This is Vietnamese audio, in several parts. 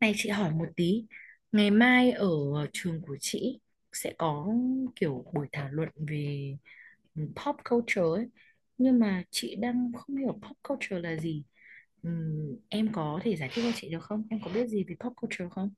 Này chị hỏi một tí, ngày mai ở trường của chị sẽ có kiểu buổi thảo luận về pop culture ấy. Nhưng mà chị đang không hiểu pop culture là gì. Em có thể giải thích cho chị được không? Em có biết gì về pop culture không?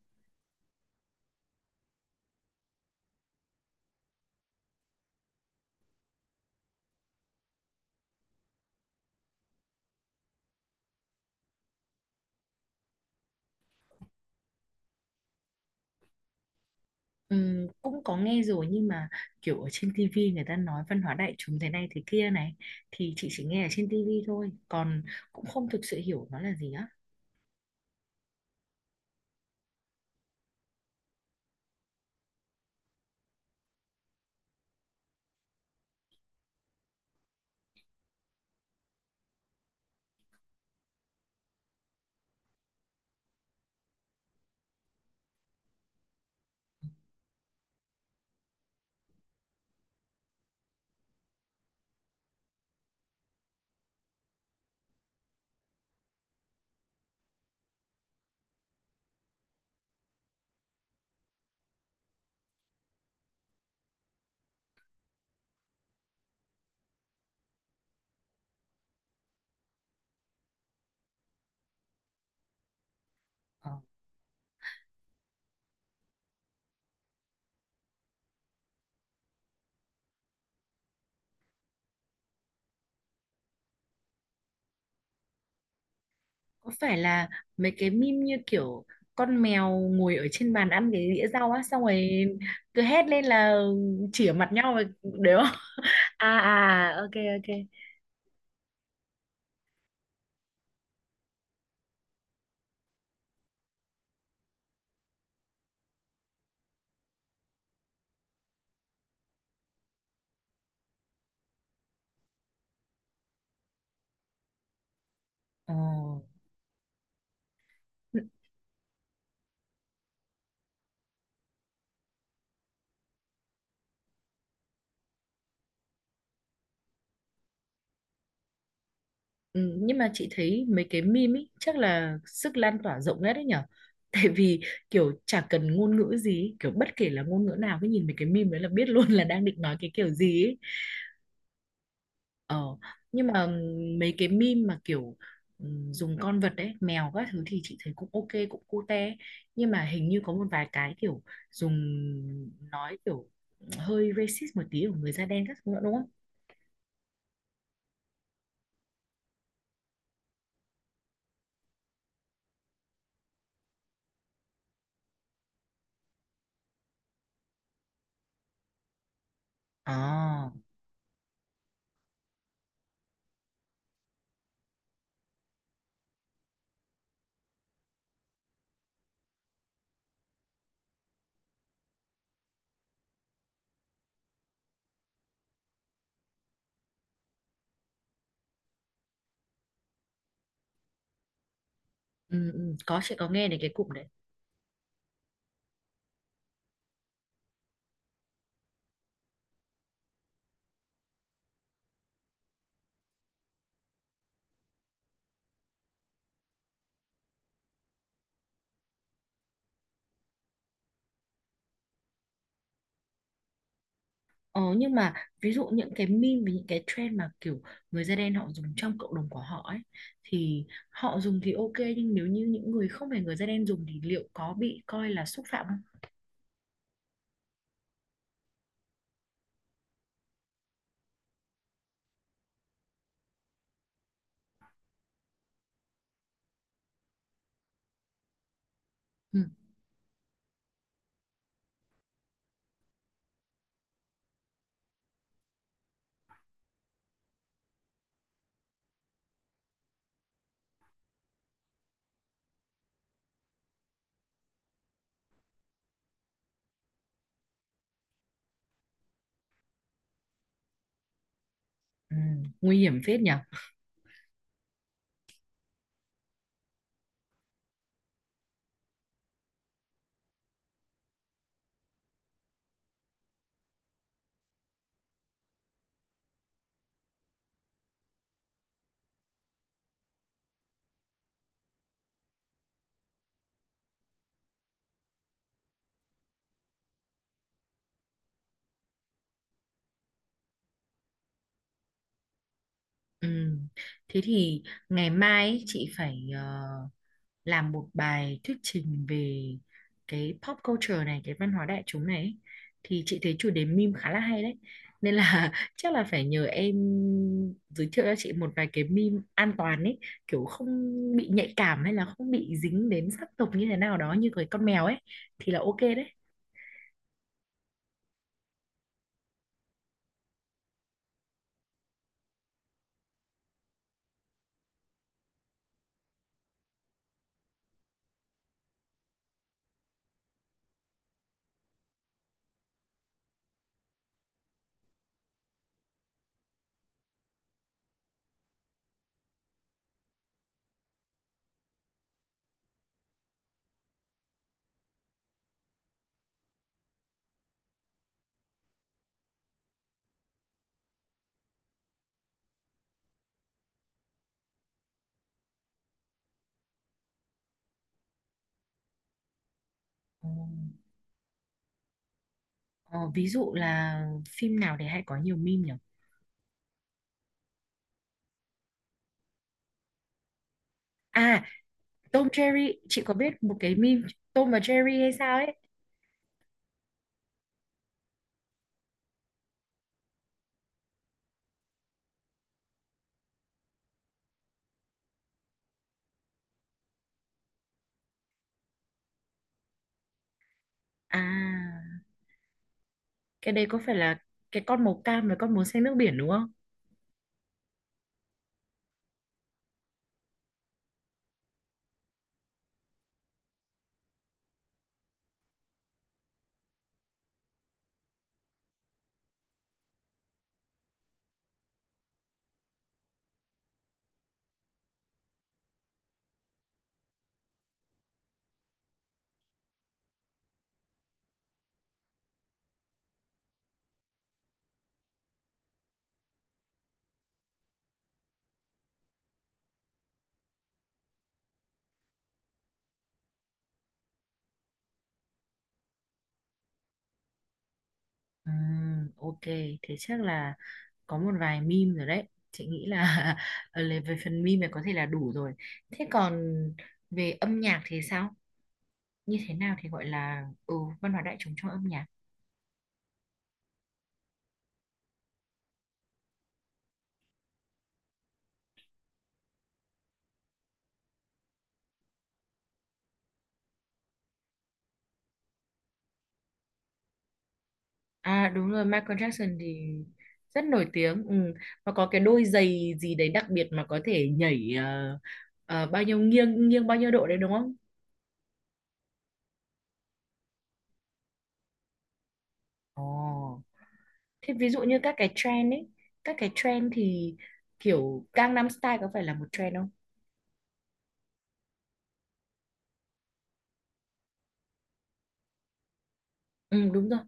Cũng có nghe rồi nhưng mà kiểu ở trên TV người ta nói văn hóa đại chúng thế này thế kia này, thì chị chỉ nghe ở trên TV thôi, còn cũng không thực sự hiểu nó là gì á. Ờ. Có phải là mấy cái meme như kiểu con mèo ngồi ở trên bàn ăn cái đĩa rau á, xong rồi cứ hét lên là chỉa mặt nhau rồi- đấy không? À à, ok, ok. Ờ. Ừ, nhưng mà chị thấy mấy cái meme ý chắc là sức lan tỏa rộng nhất đấy nhở, tại vì kiểu chả cần ngôn ngữ gì ý, kiểu bất kể là ngôn ngữ nào cứ nhìn mấy cái meme đấy là biết luôn là đang định nói cái kiểu gì ý. Ờ, nhưng mà mấy cái meme mà kiểu dùng con vật đấy, mèo các thứ thì chị thấy cũng ok, cũng cute. Nhưng mà hình như có một vài cái kiểu dùng nói kiểu hơi racist một tí của người da đen các thứ nữa đúng không? Ờ, ừ, ừ, có chị có nghe đến cái cụm đấy. Ờ, nhưng mà ví dụ những cái meme và những cái trend mà kiểu người da đen họ dùng trong cộng đồng của họ ấy thì họ dùng thì ok, nhưng nếu như những người không phải người da đen dùng thì liệu có bị coi là xúc phạm không? Ừ, nguy hiểm phết nhỉ. Ừ. Thế thì ngày mai ấy, chị phải làm một bài thuyết trình về cái pop culture này, cái văn hóa đại chúng này ấy. Thì chị thấy chủ đề meme khá là hay đấy. Nên là chắc là phải nhờ em giới thiệu cho chị một vài cái meme an toàn ấy, kiểu không bị nhạy cảm hay là không bị dính đến sắc tộc như thế nào đó, như cái con mèo ấy thì là ok đấy. Ờ, ờ, ví dụ là phim nào để hay có nhiều meme nhỉ? À, Tom Jerry chị có biết, một cái meme Tom và Jerry hay sao ấy. À cái đây có phải là cái con màu cam và con màu xanh nước biển đúng không? Ok, thế chắc là có một vài meme rồi đấy, chị nghĩ là ở về phần meme này có thể là đủ rồi. Thế còn về âm nhạc thì sao, như thế nào thì gọi là văn hóa đại chúng trong âm nhạc? À đúng rồi, Michael Jackson thì rất nổi tiếng. Ừ. Và có cái đôi giày gì đấy đặc biệt mà có thể nhảy bao nhiêu, nghiêng nghiêng bao nhiêu độ đấy đúng không? Ồ. Thế ví dụ như các cái trend ấy, các cái trend thì kiểu Gangnam Style có phải là một trend không? Ừ đúng rồi.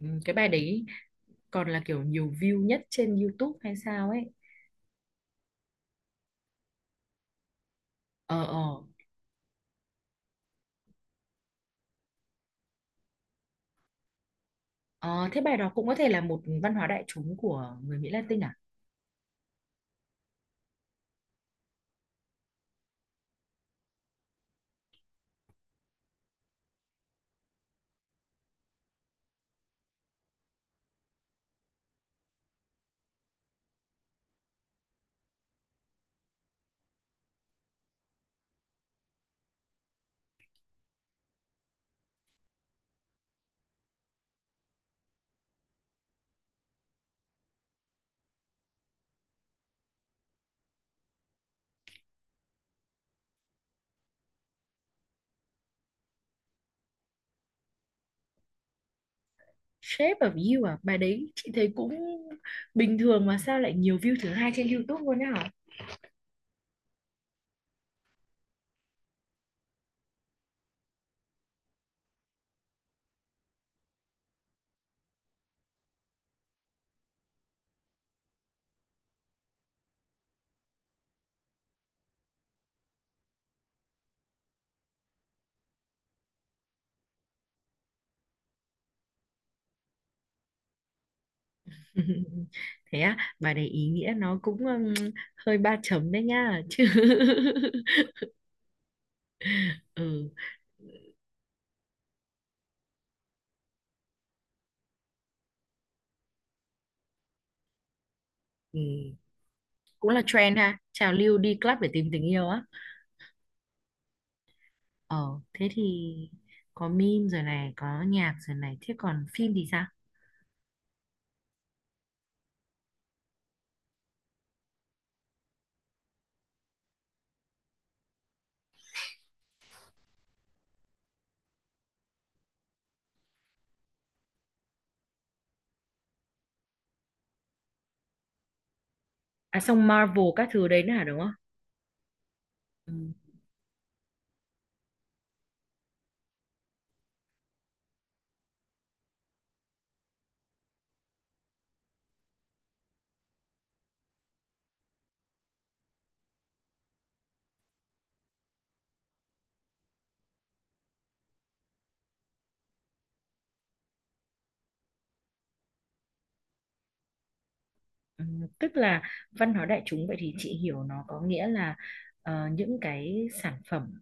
Ừ, cái bài đấy còn là kiểu nhiều view nhất trên YouTube hay sao ấy. Ờ ờ. Ờ, thế bài đó cũng có thể là một văn hóa đại chúng của người Mỹ Latin à? Shape of You à, bài đấy chị thấy cũng bình thường mà sao lại nhiều view thứ hai trên YouTube luôn á hả? Thế á, bài đấy ý nghĩa nó cũng hơi ba chấm đấy nha chứ. Ừ, ừ, cũng là trend ha, trào lưu đi club để tìm tình yêu á. Ờ, thế thì có meme rồi này, có nhạc rồi này, thế còn phim thì sao? À xong Marvel các thứ đấy nữa hả đúng không? Ừ. Ừ, tức là văn hóa đại chúng vậy thì chị hiểu nó có nghĩa là những cái sản phẩm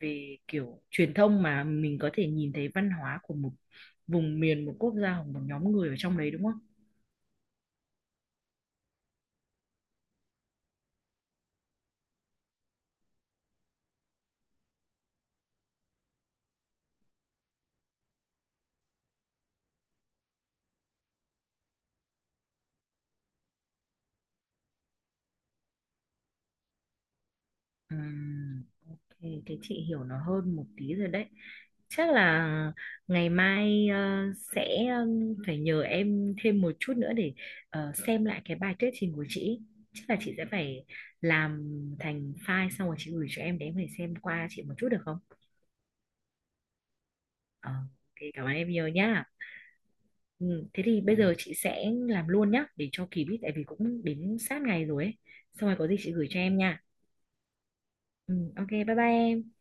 về kiểu truyền thông mà mình có thể nhìn thấy văn hóa của một vùng miền, một quốc gia hoặc một nhóm người ở trong đấy đúng không? Ừm, thì chị hiểu nó hơn một tí rồi đấy. Chắc là ngày mai sẽ phải nhờ em thêm một chút nữa để xem lại cái bài thuyết trình của chị, chắc là chị sẽ phải làm thành file xong rồi chị gửi cho em để em có thể xem qua chị một chút được không? Ờ, thì cảm ơn em nhiều nhá. Ừ, thế thì bây giờ chị sẽ làm luôn nhá để cho kịp ý, tại vì cũng đến sát ngày rồi ấy, xong rồi có gì chị gửi cho em nha. Ừ, ok, bye bye em.